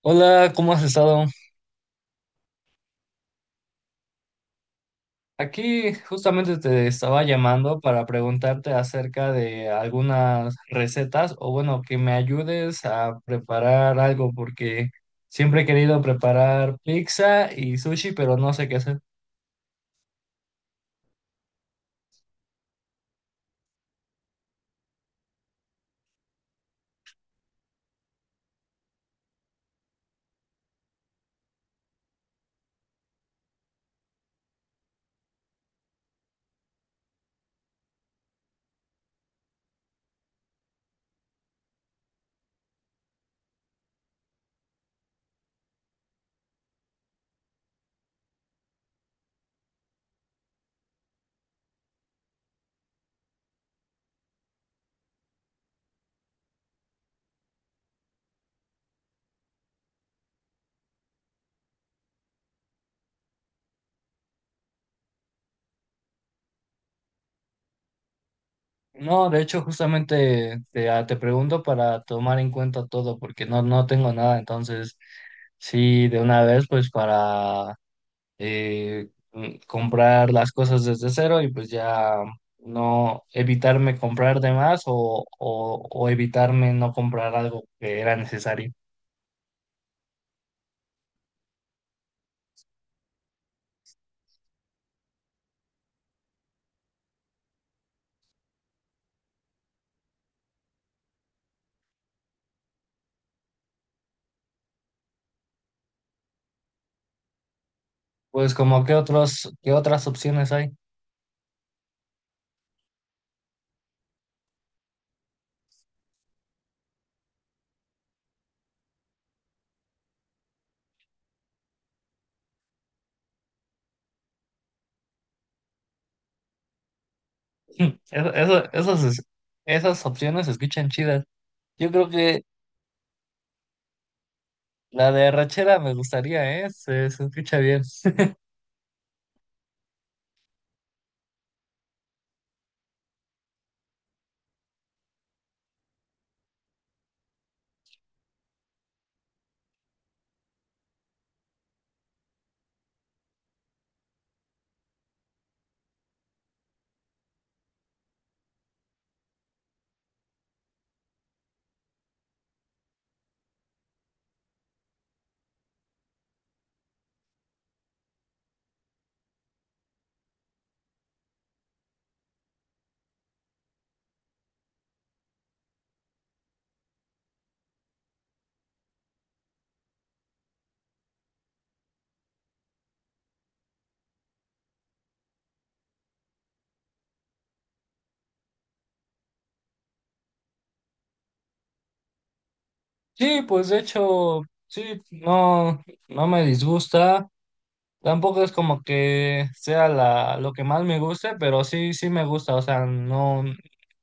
Hola, ¿cómo has estado? Aquí justamente te estaba llamando para preguntarte acerca de algunas recetas o bueno, que me ayudes a preparar algo porque siempre he querido preparar pizza y sushi, pero no sé qué hacer. No, de hecho justamente te, te pregunto para tomar en cuenta todo porque no tengo nada, entonces sí, de una vez pues para comprar las cosas desde cero y pues ya no evitarme comprar de más o evitarme no comprar algo que era necesario. Pues como qué otros, qué otras opciones hay. Mm, Eso, eso- esas, es- Esas opciones se escuchan chidas. Yo creo que la de arrachera me gustaría, ¿eh? Se escucha bien. Sí, pues de hecho, sí, no, no me disgusta. Tampoco es como que sea lo que más me guste, pero sí, sí me gusta, o sea, no,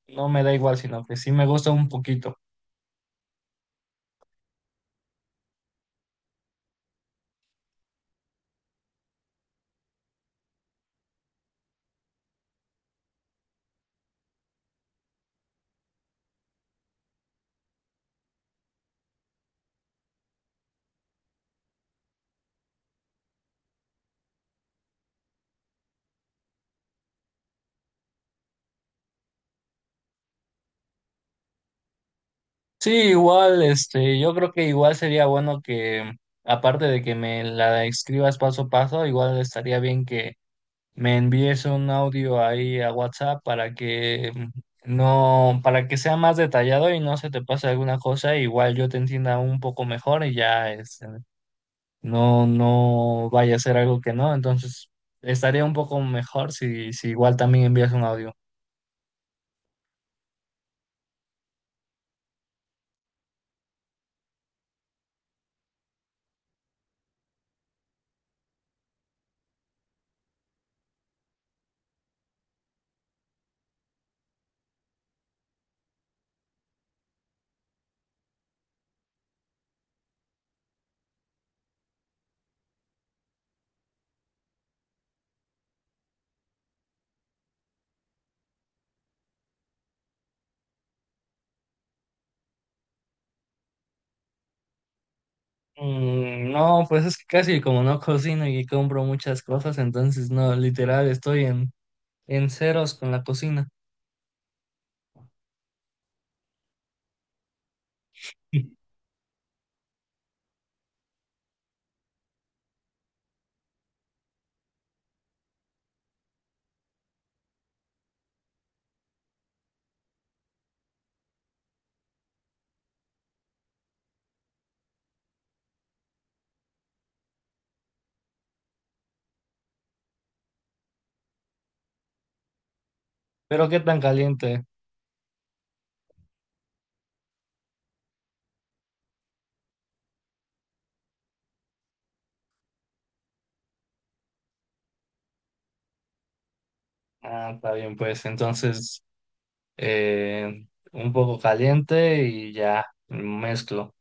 no me da igual, sino que sí me gusta un poquito. Sí, igual, este, yo creo que igual sería bueno que, aparte de que me la escribas paso a paso, igual estaría bien que me envíes un audio ahí a WhatsApp para que mm, no, para que sea más detallado y no se te pase alguna cosa, igual yo te entienda un poco mejor y ya, es no vaya a ser algo que no, entonces estaría un poco mejor si igual también envías un audio. Mm, no, pues es que casi como no cocino y compro muchas cosas, entonces no, literal estoy en ceros con la cocina. Pero qué tan caliente. Ah, está bien, pues entonces eh, un poco caliente y ya mezclo.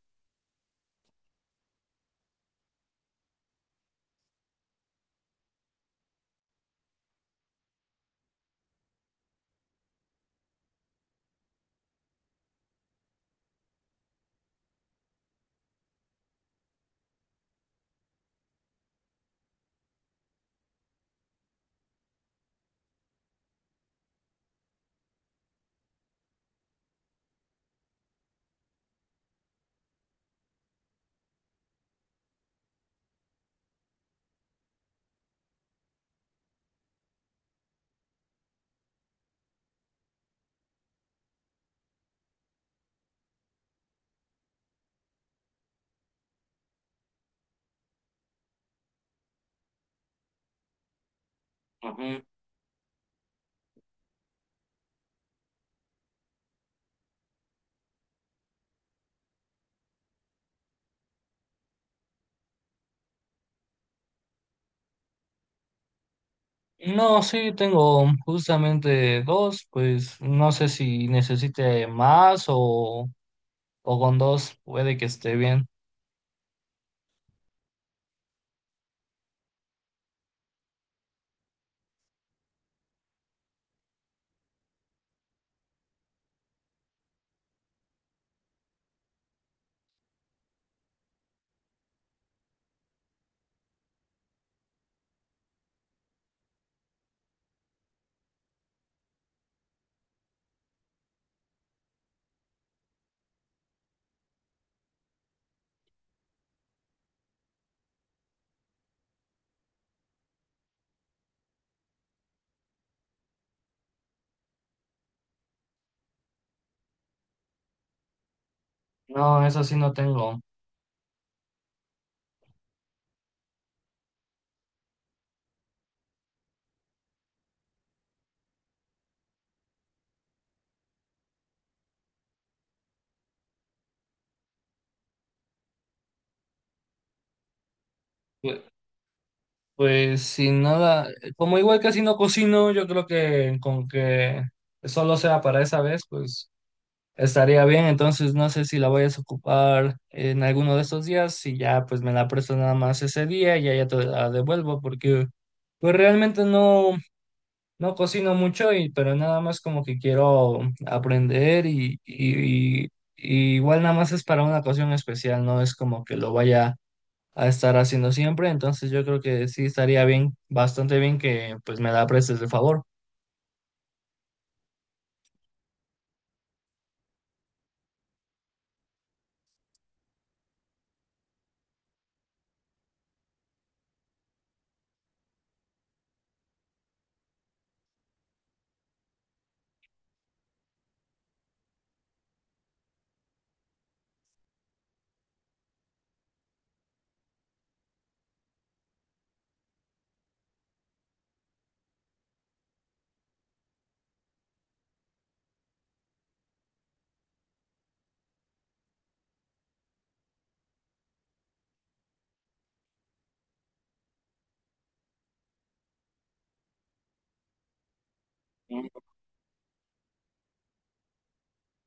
Ujú. No, sí, tengo justamente dos, pues no sé si necesite más o con dos puede que esté bien. No, eso sí no tengo. Pues, pues sin nada, como igual casi no cocino, yo creo que con que solo sea para esa vez, pues estaría bien. Entonces no sé si la voy a ocupar en alguno de estos días, si ya pues me la presto nada más ese día y ya, ya te la devuelvo, porque pues realmente no. No cocino mucho, y, pero nada más como que quiero aprender y igual nada más es para una ocasión especial, no es como que lo vaya a estar haciendo siempre, entonces yo creo que sí estaría bien, bastante bien que pues me la prestes de favor.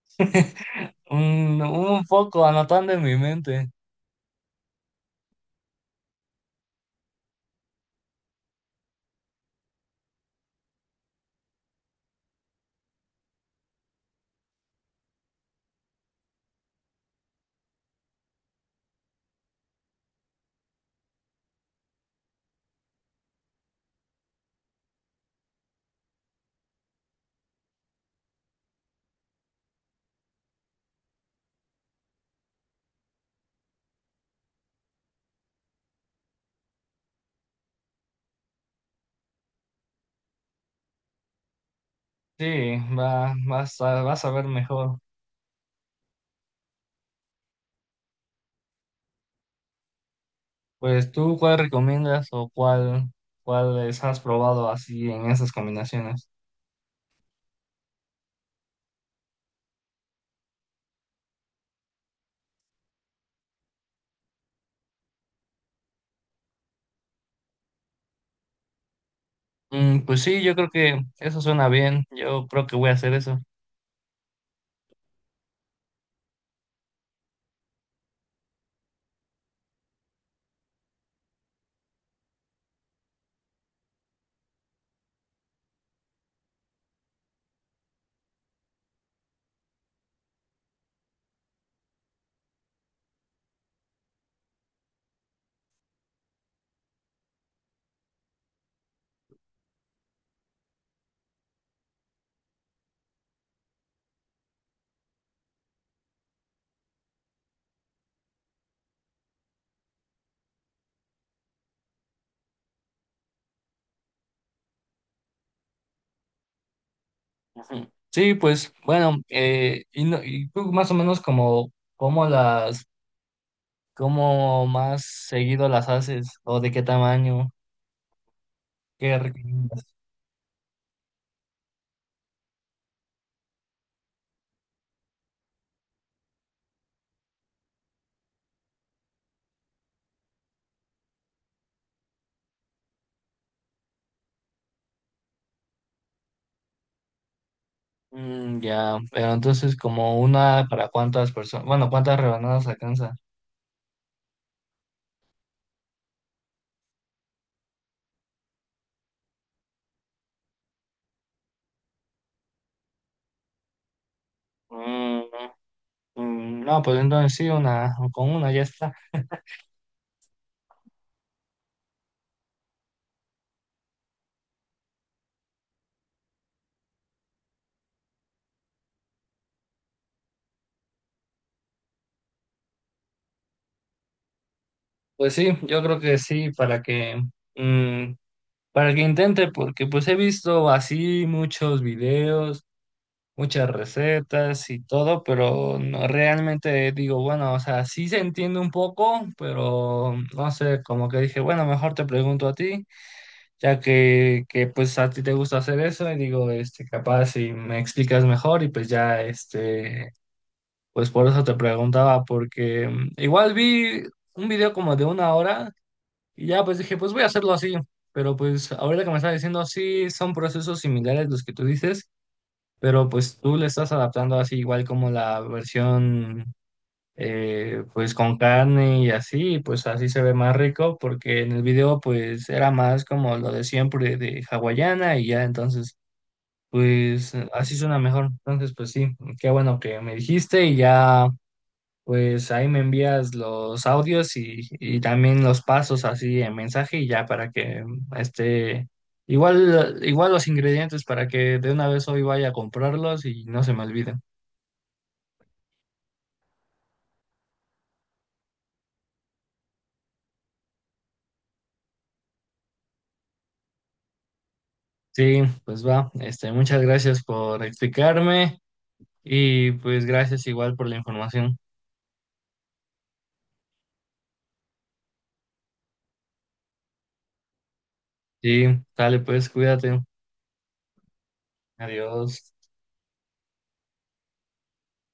Un poco anotando en mi mente. Sí, va, vas a ver mejor. Pues tú, ¿cuál recomiendas o cuál, cuáles has probado así en esas combinaciones? Mm, pues sí, yo creo que eso suena bien. Yo creo que voy a hacer eso. Ujú. Sí, pues bueno, y, no- y tú más o menos como cómo más seguido las haces o de qué tamaño, qué recomiendas. Mm, ya, pero entonces como una para cuántas personas, bueno, cuántas rebanadas alcanza. Mm, mm, no, pues entonces sí, una, con una ya está. Pues sí, yo creo que sí, para que mm, para que intente, porque pues he visto así muchos videos, muchas recetas y todo, pero no realmente digo, bueno, o sea, sí se entiende un poco, pero no sé, como que dije, bueno, mejor te pregunto a ti, ya que pues a ti te gusta hacer eso, y digo, este, capaz si me explicas mejor y pues ya, este, pues por eso te preguntaba, porque igual vi un video como de 1 hora. Y ya pues dije, pues voy a hacerlo así. Pero pues ahorita que me estás diciendo, sí, son procesos similares los que tú dices, pero pues tú le estás adaptando así igual como la versión pues con carne y así, y, pues así se ve más rico porque en el video pues era más como lo de siempre de hawaiana y ya entonces pues así suena mejor. Entonces pues sí, qué bueno que me dijiste y ya pues ahí me envías los audios y también los pasos así en mensaje y ya para que este igual los ingredientes para que de una vez hoy vaya a comprarlos y no se me olviden. Sí, pues va. Este, muchas gracias por explicarme y pues gracias igual por la información. Sí, dale pues, cuídate. Adiós.